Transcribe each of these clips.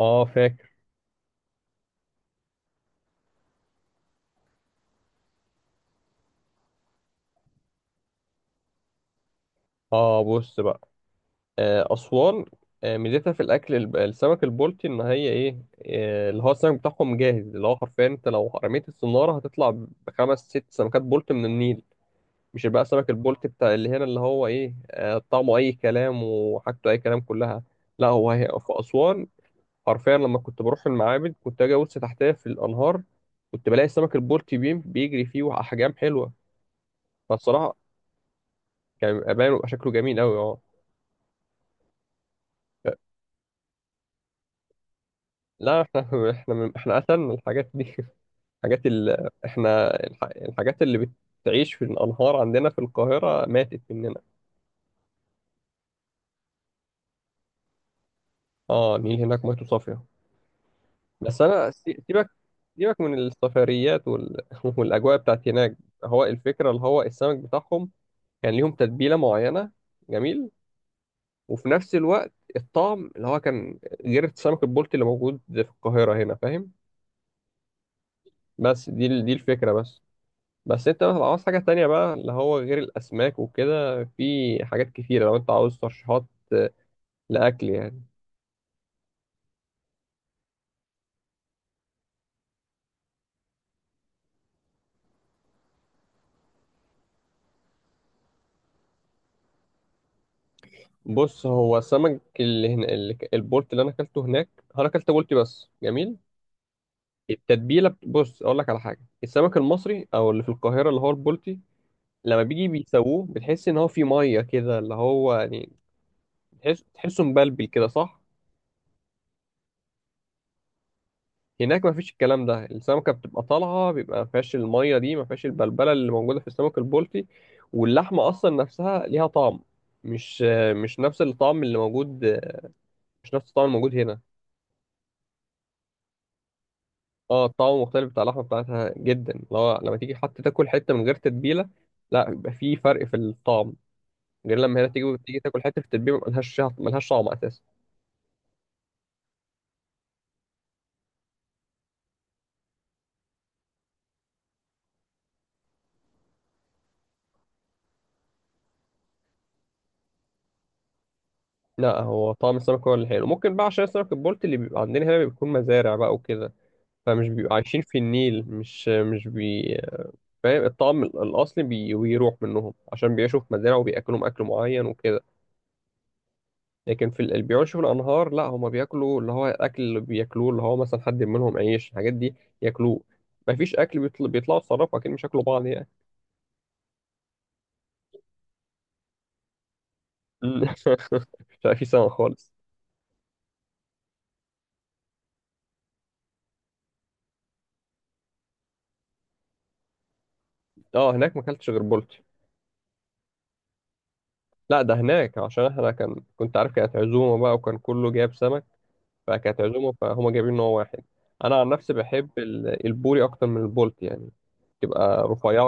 اه فاكر. اه، بص بقى. اسوان. ميزتها في الاكل السمك البلطي ان هي ايه اللي هو السمك بتاعهم جاهز، اللي هو حرفيا انت لو رميت الصناره هتطلع بخمس ست سمكات بلطي من النيل. مش بقى سمك البلطي بتاع اللي هنا، اللي هو ايه طعمه اي كلام، وحاجته اي كلام، كلها. لا، هو هي في اسوان حرفيا، لما كنت بروح المعابد كنت اجي ابص تحتها في الانهار، كنت بلاقي السمك البلطي بيجري فيه، واحجام حلوه، فالصراحه كان بيبقى باين، وبيبقى شكله جميل قوي. لا، احنا احنا من احنا قتلنا الحاجات دي. الحاجات ال... احنا الح... الحاجات اللي بتعيش في الانهار عندنا في القاهره ماتت مننا. اه، النيل هناك ميته صافيه. بس انا سيبك، سيبك من السفريات، والاجواء بتاعت هناك. هو الفكره، اللي هو السمك بتاعهم كان ليهم تتبيله معينه، جميل. وفي نفس الوقت الطعم اللي هو كان غير السمك البلطي اللي موجود في القاهره هنا، فاهم؟ بس دي الفكره بس. بس انت مثلا عاوز حاجة تانية بقى، اللي هو غير الأسماك وكده، في حاجات كتيرة لو انت عاوز ترشيحات لأكل يعني. بص، هو سمك اللي هنا البولت اللي أنا أكلته هناك، أنا أكلت بولتي بس، جميل. بص، أقول لك على حاجة. السمك المصري أو اللي في القاهرة، اللي هو البولتي، لما بيجي بيسووه بتحس إن هو فيه مية كده، اللي هو يعني تحس تحسه مبلبل كده، صح؟ هناك ما فيش الكلام ده، السمكة بتبقى طالعة، بيبقى ما فيهاش المية دي، ما فيهاش البلبلة اللي موجودة في السمك البلطي. واللحمة أصلا نفسها ليها طعم، مش مش نفس الطعم اللي موجود، مش نفس الطعم الموجود هنا. اه، الطعم مختلف، بتاع اللحمة بتاعتها جدا، لو لما تيجي حتى تاكل حتة من غير تتبيلة، لا، بيبقى في فرق في الطعم. غير لما هنا تيجي تاكل حتة في التتبيلة، ملهاش طعم أساسا. لا، هو طعم السمك هو اللي حلو. ممكن بقى عشان السمك البلطي اللي بيبقى عندنا هنا بيكون مزارع بقى وكده، فمش بيبقوا عايشين في النيل، مش مش بي فاهم؟ الطعم الأصلي بيروح منهم عشان بيعيشوا في مزارع وبيأكلهم أكل معين وكده. لكن اللي بيعيشوا في الأنهار لا، هما بياكلوا اللي هو الأكل اللي بياكلوه، اللي هو مثلا حد منهم عيش الحاجات دي ياكلوه. مفيش أكل بيطلعوا يتصرفوا، أكيد مش ياكلوا بعض يعني. امم مش عارف في سمك خالص. اه، هناك ما أكلتش غير بولتي. لا، ده هناك عشان احنا كنت عارف، كانت عزومة بقى وكان كله جايب سمك، فكانت عزومة، فهم جايبين نوع واحد. أنا عن نفسي بحب البوري أكتر من البولت يعني، تبقى رفيعة.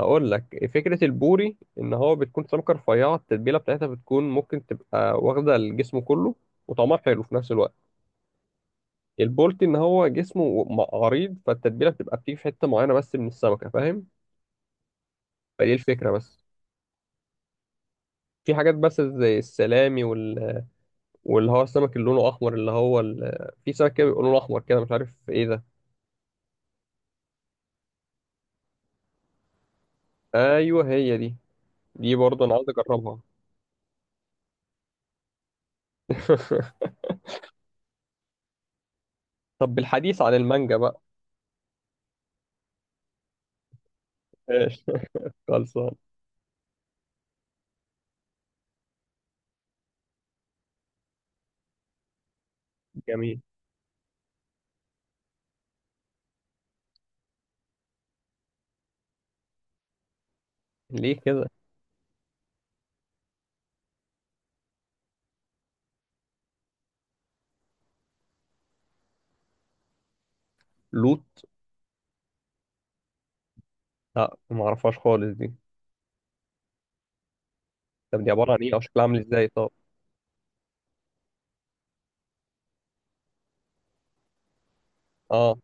هقول لك فكرة البوري، إن هو بتكون سمكة رفيعة، التتبيلة بتاعتها بتكون ممكن تبقى واخدة الجسم كله، وطعمها حلو في نفس الوقت. البولت إن هو جسمه عريض، فالتتبيلة بتبقى بتيجي في حتة معينة بس من السمكة، فاهم؟ فدي الفكرة بس. في حاجات بس زي السلامي واللي هو السمك اللي لونه أحمر، اللي هو في سمك كده بيبقى لونه أحمر كده، مش عارف إيه ده. أيوه، هي دي. دي برضه انا عاوز اجربها. طب، بالحديث عن المانجا بقى. إيش؟ خلصان. جميل. ليه كده؟ لوت. لا، ما اعرفهاش خالص دي. طب، دي عباره عن ايه او شكلها عامل ازاي، طب؟ اه،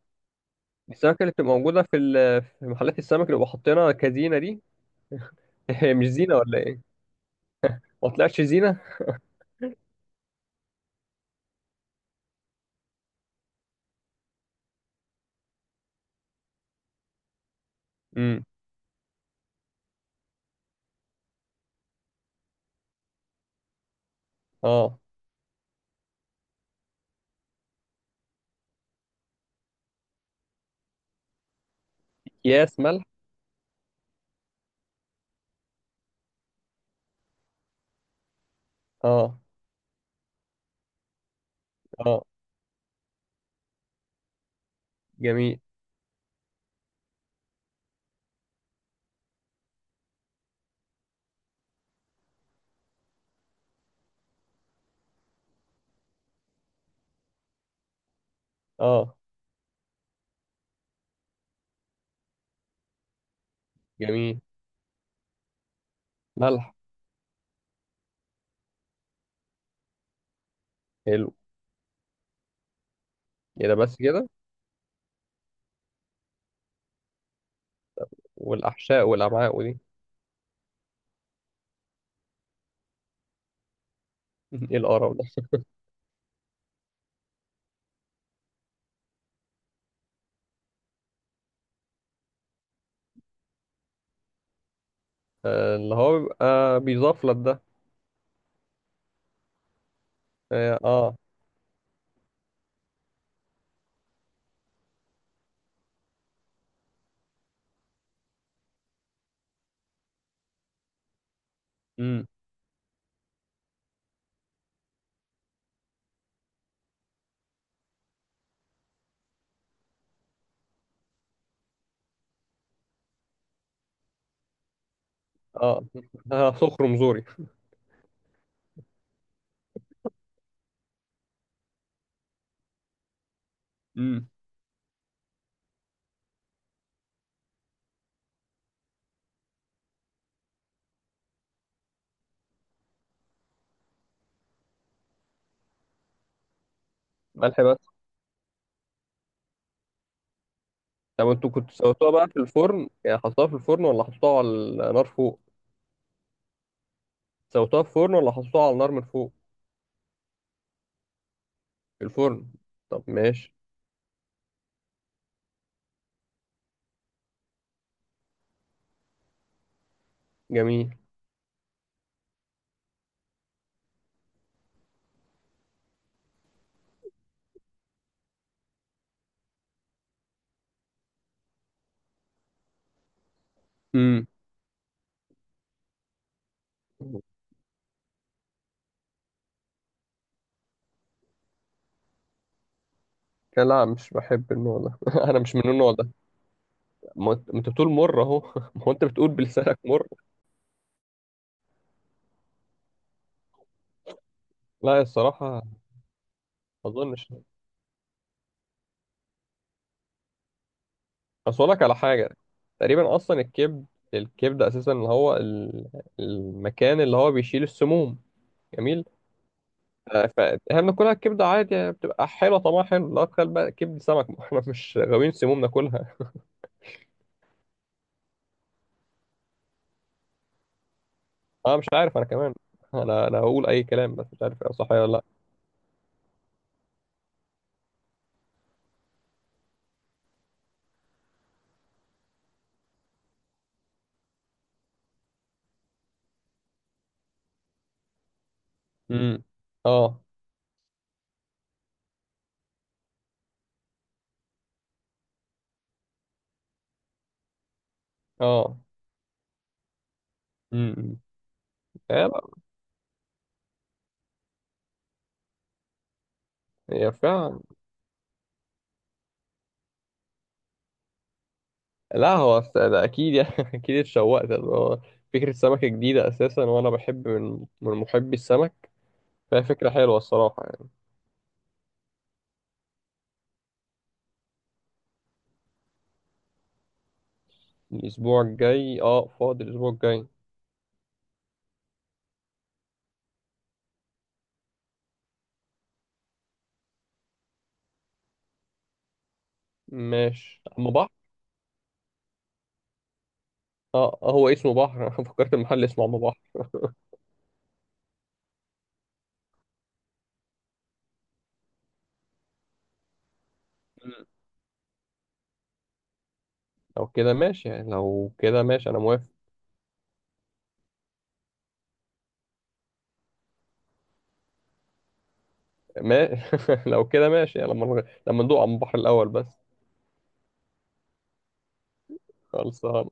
دي السمكه اللي بتبقى موجوده في محلات السمك اللي بيبقوا حاطينها كزينه دي؟ هي مش زينه ولا ايه؟ ما طلعتش زينه. امم. اه، اكياس ملح. اه، اه. جميل. اه، جميل. ملح. حلو. يا ده، بس كده؟ والاحشاء والامعاء ودي؟ ايه القرف ده! اللي هو بيبقى بيضاف لك ده؟ اه، اه. امم. اه. صخر مزوري. امم. ملح بس. طب، انتوا كنتوا سويتوها بقى في الفرن يعني، حطيتوها في الفرن ولا حطيتوها على النار فوق؟ سويتوها في الفرن ولا حطيتوها على النار من فوق؟ في الفرن؟ طب، ماشي. جميل. امم. لا، مش بحب النوع ده. انا مش من النوع ده. ما انت بتقول مر اهو. ما هو انت بتقول بلسانك مر. لا، الصراحه. ما اظنش. اصل أقول لك على حاجه. تقريبا اصلا الكبد. الكبد اساسا اللي هو المكان اللي هو بيشيل السموم. جميل. فاهم؟ ناكلها الكبده عادي يعني، بتبقى حلوه طعمها حلو؟ لا تخيل بقى، كبده سمك! ما احنا مش غاويين سموم ناكلها. انا مش عارف، انا كمان. انا هقول اي كلام بس مش عارف صح ولا لا. امم. اه، اه. امم. هي بقى. هي فعلا. لا، هو ده اكيد يعني. اكيد اتشوقت، اللي هو فكره سمكه جديده اساسا، وانا بحب من محبي السمك، فهي فكره حلوه الصراحه يعني. الاسبوع الجاي، اه، فاضي الاسبوع الجاي. ماشي، اما بحر. اه، هو اسمه بحر. انا فكرت المحل اسمه اما بحر. لو كده ماشي يعني، لو كده ماشي انا موافق. ما... لو كده ماشي يعني، لما ندوق على البحر الاول بس. خلصان.